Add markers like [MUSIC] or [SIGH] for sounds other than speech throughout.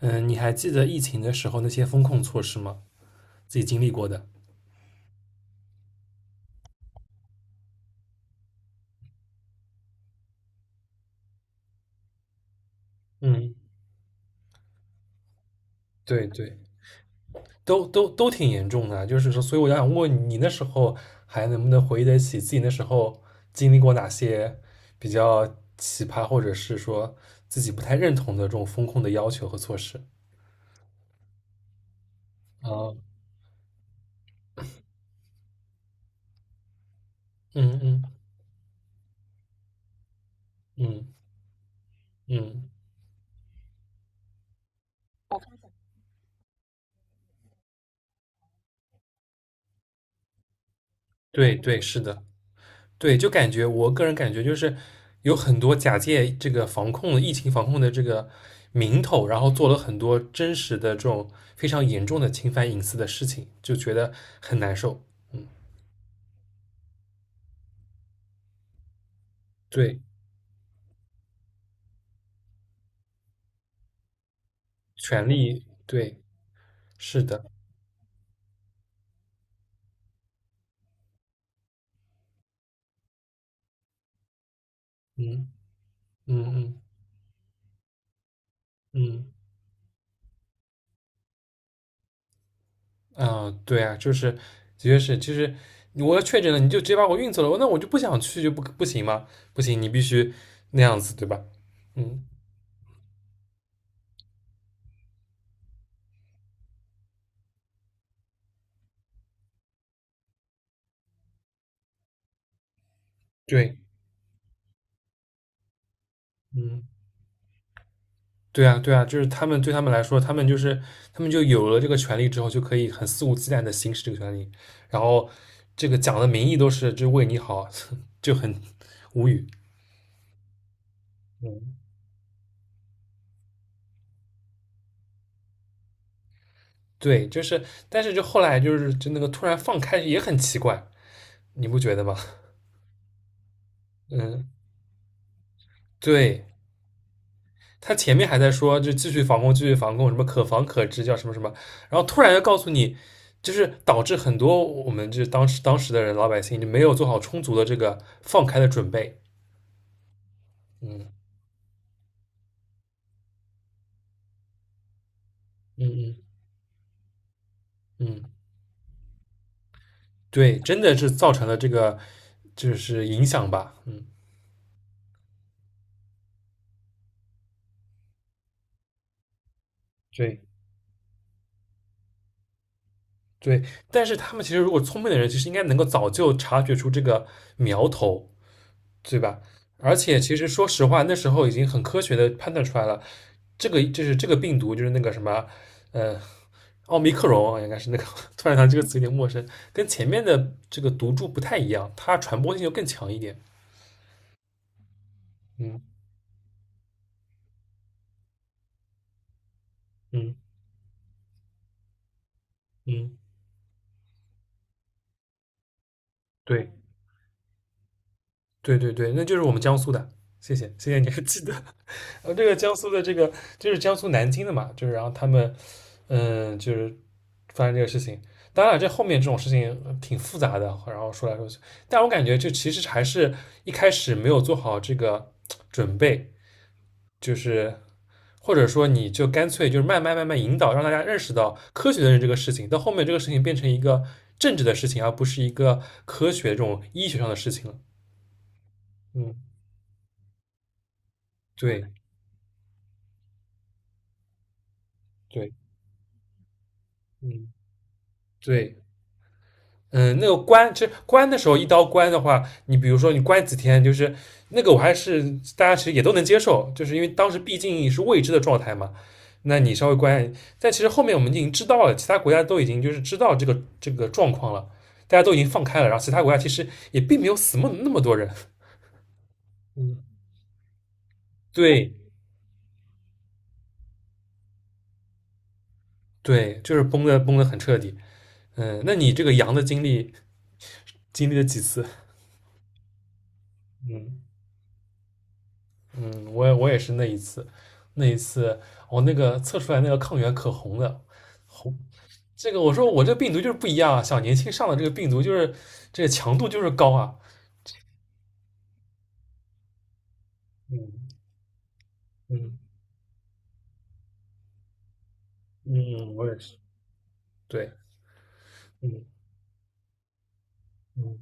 嗯，你还记得疫情的时候那些风控措施吗？自己经历过的。嗯，对对，都挺严重的啊，就是说，所以我想问你，那时候还能不能回忆得起自己那时候经历过哪些比较奇葩，或者是说自己不太认同的这种风控的要求和措施？啊，嗯嗯嗯嗯，对对，是的。对，就感觉我个人感觉就是有很多假借这个防控的疫情防控的这个名头，然后做了很多真实的这种非常严重的侵犯隐私的事情，就觉得很难受。嗯，对，权利，对，是的，嗯嗯嗯嗯啊，对啊，就是的确是就是我要确诊了，你就直接把我运走了，那我就不想去就不行吗？不行，你必须那样子，对吧？嗯，对，嗯。对啊，对啊，就是他们对他们来说，他们就是他们就有了这个权利之后，就可以很肆无忌惮的行使这个权利，然后这个讲的名义都是就为你好，[LAUGHS] 就很无语。嗯，对，就是，但是就后来就那个突然放开也很奇怪，你不觉得吗？嗯，对，他前面还在说就继续防控，继续防控，什么可防可治，叫什么什么，然后突然又告诉你，就是导致很多我们就是当时的人老百姓就没有做好充足的这个放开的准备。嗯嗯嗯嗯，对，真的是造成了这个就是影响吧，嗯，对对，但是他们其实如果聪明的人，其实应该能够早就察觉出这个苗头，对吧？而且其实说实话，那时候已经很科学的判断出来了，这个就是这个病毒就是那个什么，呃，奥密克戎啊应该是那个，[LAUGHS] 突然想这个词有点陌生，跟前面的这个毒株不太一样，它传播性就更强一点，嗯嗯嗯，对。对对对，那就是我们江苏的，谢谢你还记得。[LAUGHS] 这个江苏的这个就是江苏南京的嘛，就是然后他们嗯，就是发生这个事情。当然了这后面这种事情挺复杂的，然后说来说去，但我感觉这其实还是一开始没有做好这个准备，就是或者说你就干脆就是慢慢引导，让大家认识到科学的人这个事情，到后面这个事情变成一个政治的事情，而不是一个科学这种医学上的事情了。嗯，对对，嗯。对，嗯，那个关，其实关的时候一刀关的话，你比如说你关几天，就是那个我还是大家其实也都能接受，就是因为当时毕竟是未知的状态嘛。那你稍微关，但其实后面我们已经知道了，其他国家都已经就是知道这个状况了，大家都已经放开了，然后其他国家其实也并没有死那么那么多人。嗯，[LAUGHS] 对对，就是崩的很彻底。嗯，那你这个羊的经历经历了几次？嗯。嗯，我也是那一次，那一次我那个测出来那个抗原可红了，红，这个我说我这病毒就是不一样啊，小年轻上的这个病毒就是这个强度就是高啊，嗯嗯嗯，我也是，对，嗯嗯，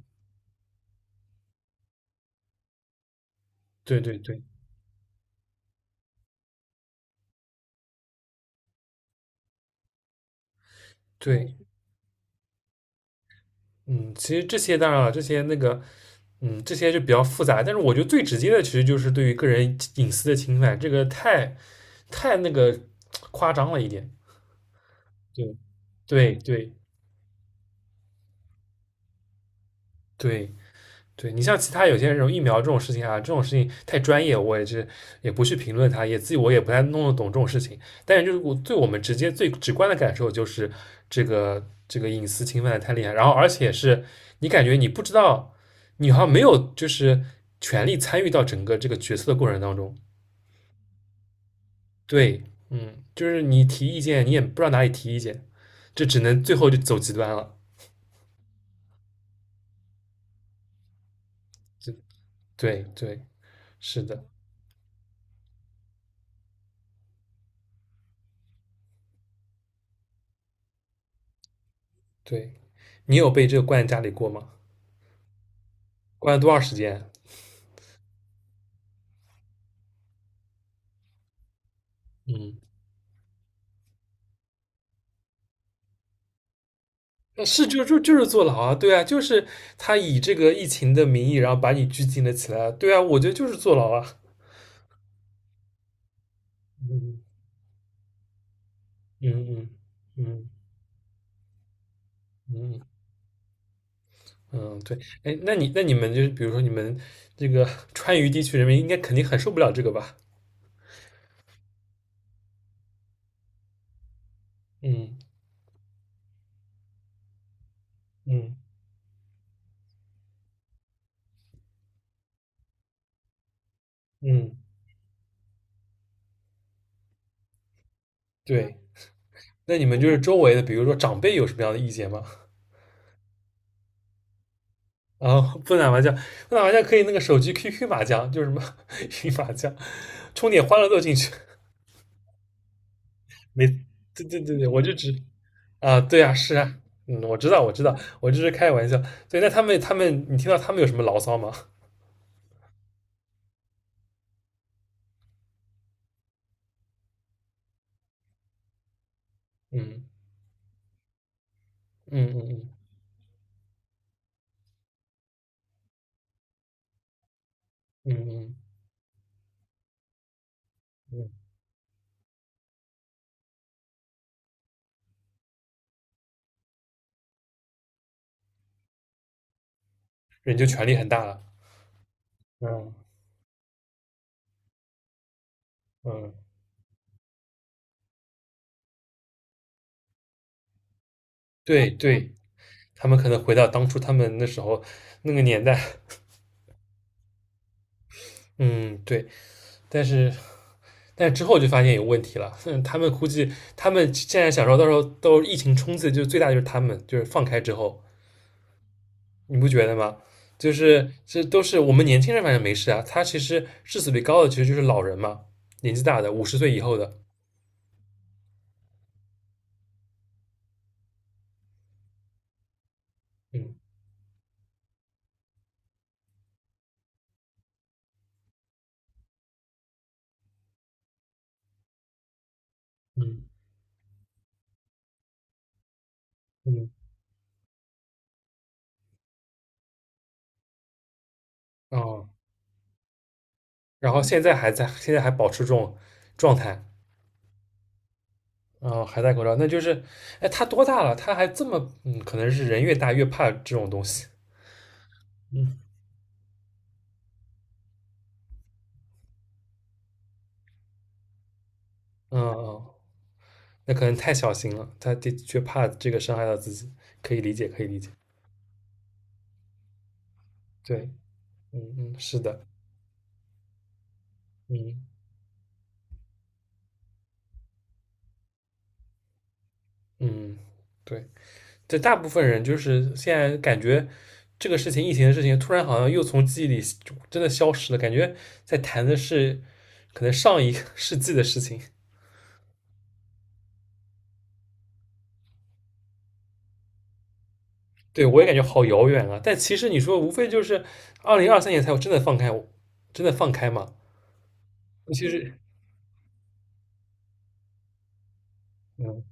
对对对对，嗯，其实这些当然了，这些那个，嗯，这些就比较复杂，但是我觉得最直接的其实就是对于个人隐私的侵犯，这个太那个夸张了一点，对对对对对你像其他有些人疫苗这种事情啊，这种事情太专业，我也是也不去评论它，也自己我也不太弄得懂这种事情。但是就是我对我们直接最直观的感受就是这个隐私侵犯的太厉害，然后而且是你感觉你不知道，你好像没有就是权利参与到整个这个决策的过程当中。对，嗯，就是你提意见，你也不知道哪里提意见，这只能最后就走极端了。这对对，是的，对，你有被这个灌在家里过吗？关了多长时间？嗯，那是就是坐牢啊，对啊，就是他以这个疫情的名义，然后把你拘禁了起来啊，对啊，我觉得就是坐牢啊。嗯嗯嗯嗯嗯嗯，对，哎，那你那你们就是比如说你们这个 [LAUGHS] 川渝地区人民应该肯定很受不了这个吧？嗯嗯嗯，对，那你们就是周围的，比如说长辈有什么样的意见吗？[LAUGHS] 啊，不打麻将，不打麻将可以那个手机 QQ 麻将，就是什么 [LAUGHS] 云麻将，充点欢乐豆进去。没，对对对对，我就只啊，对啊，是啊，嗯，我知道，我知道，我就是开玩笑。对，那他们他们，你听到他们有什么牢骚吗？嗯嗯嗯嗯嗯嗯嗯，人就权力很大了。嗯嗯，对对，他们可能回到当初他们那时候那个年代。嗯，对，但是但是之后就发现有问题了。嗯，他们估计他们现在想说，到时候疫情冲刺，就最大就是他们，就是放开之后，你不觉得吗？就是这都是我们年轻人，反正没事啊。他其实致死率高的其实就是老人嘛，年纪大的，50岁以后的。嗯嗯嗯，哦，然后现在还在，现在还保持这种状态，啊，还戴口罩，那就是，哎，他多大了？他还这么，嗯，可能是人越大越怕这种东西。嗯嗯，那可能太小心了，他的确怕这个伤害到自己，可以理解，可以理解。对，嗯嗯，是的，嗯嗯，对。对大部分人就是现在感觉这个事情，疫情的事情，突然好像又从记忆里真的消失了，感觉在谈的是可能上一个 [LAUGHS] 世纪的事情。对我也感觉好遥远啊！但其实你说，无非就是2023年才有真的放开，真的放开嘛？其实，嗯，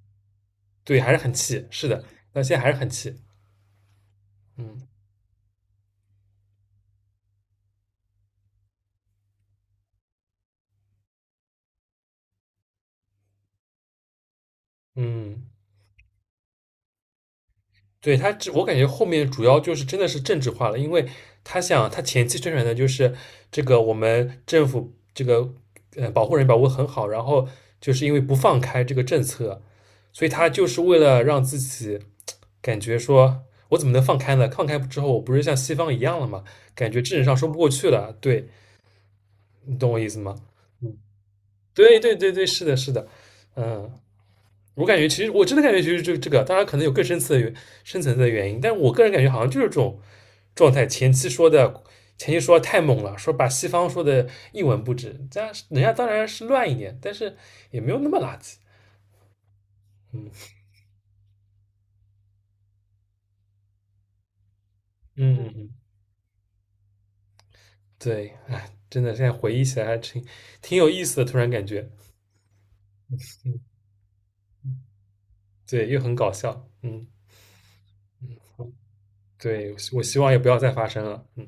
对，还是很气，是的，那现在还是很气，嗯嗯。对他这，我感觉后面主要就是真的是政治化了，因为他想他前期宣传的就是这个我们政府这个保护人保护得很好，然后就是因为不放开这个政策，所以他就是为了让自己感觉说我怎么能放开呢？放开之后我不是像西方一样了吗？感觉政治上说不过去了，对你懂我意思吗？嗯，对对对对，是的，是的，嗯。我感觉其实我真的感觉其实这这个，当然可能有更深层的深层次的原因，但我个人感觉好像就是这种状态。前期说的太猛了，说把西方说的一文不值，这样人家当然是乱一点，但是也没有那么垃圾。嗯嗯，对，哎，真的现在回忆起来还挺有意思的，突然感觉对，又很搞笑。嗯，对，我希望也不要再发生了。嗯。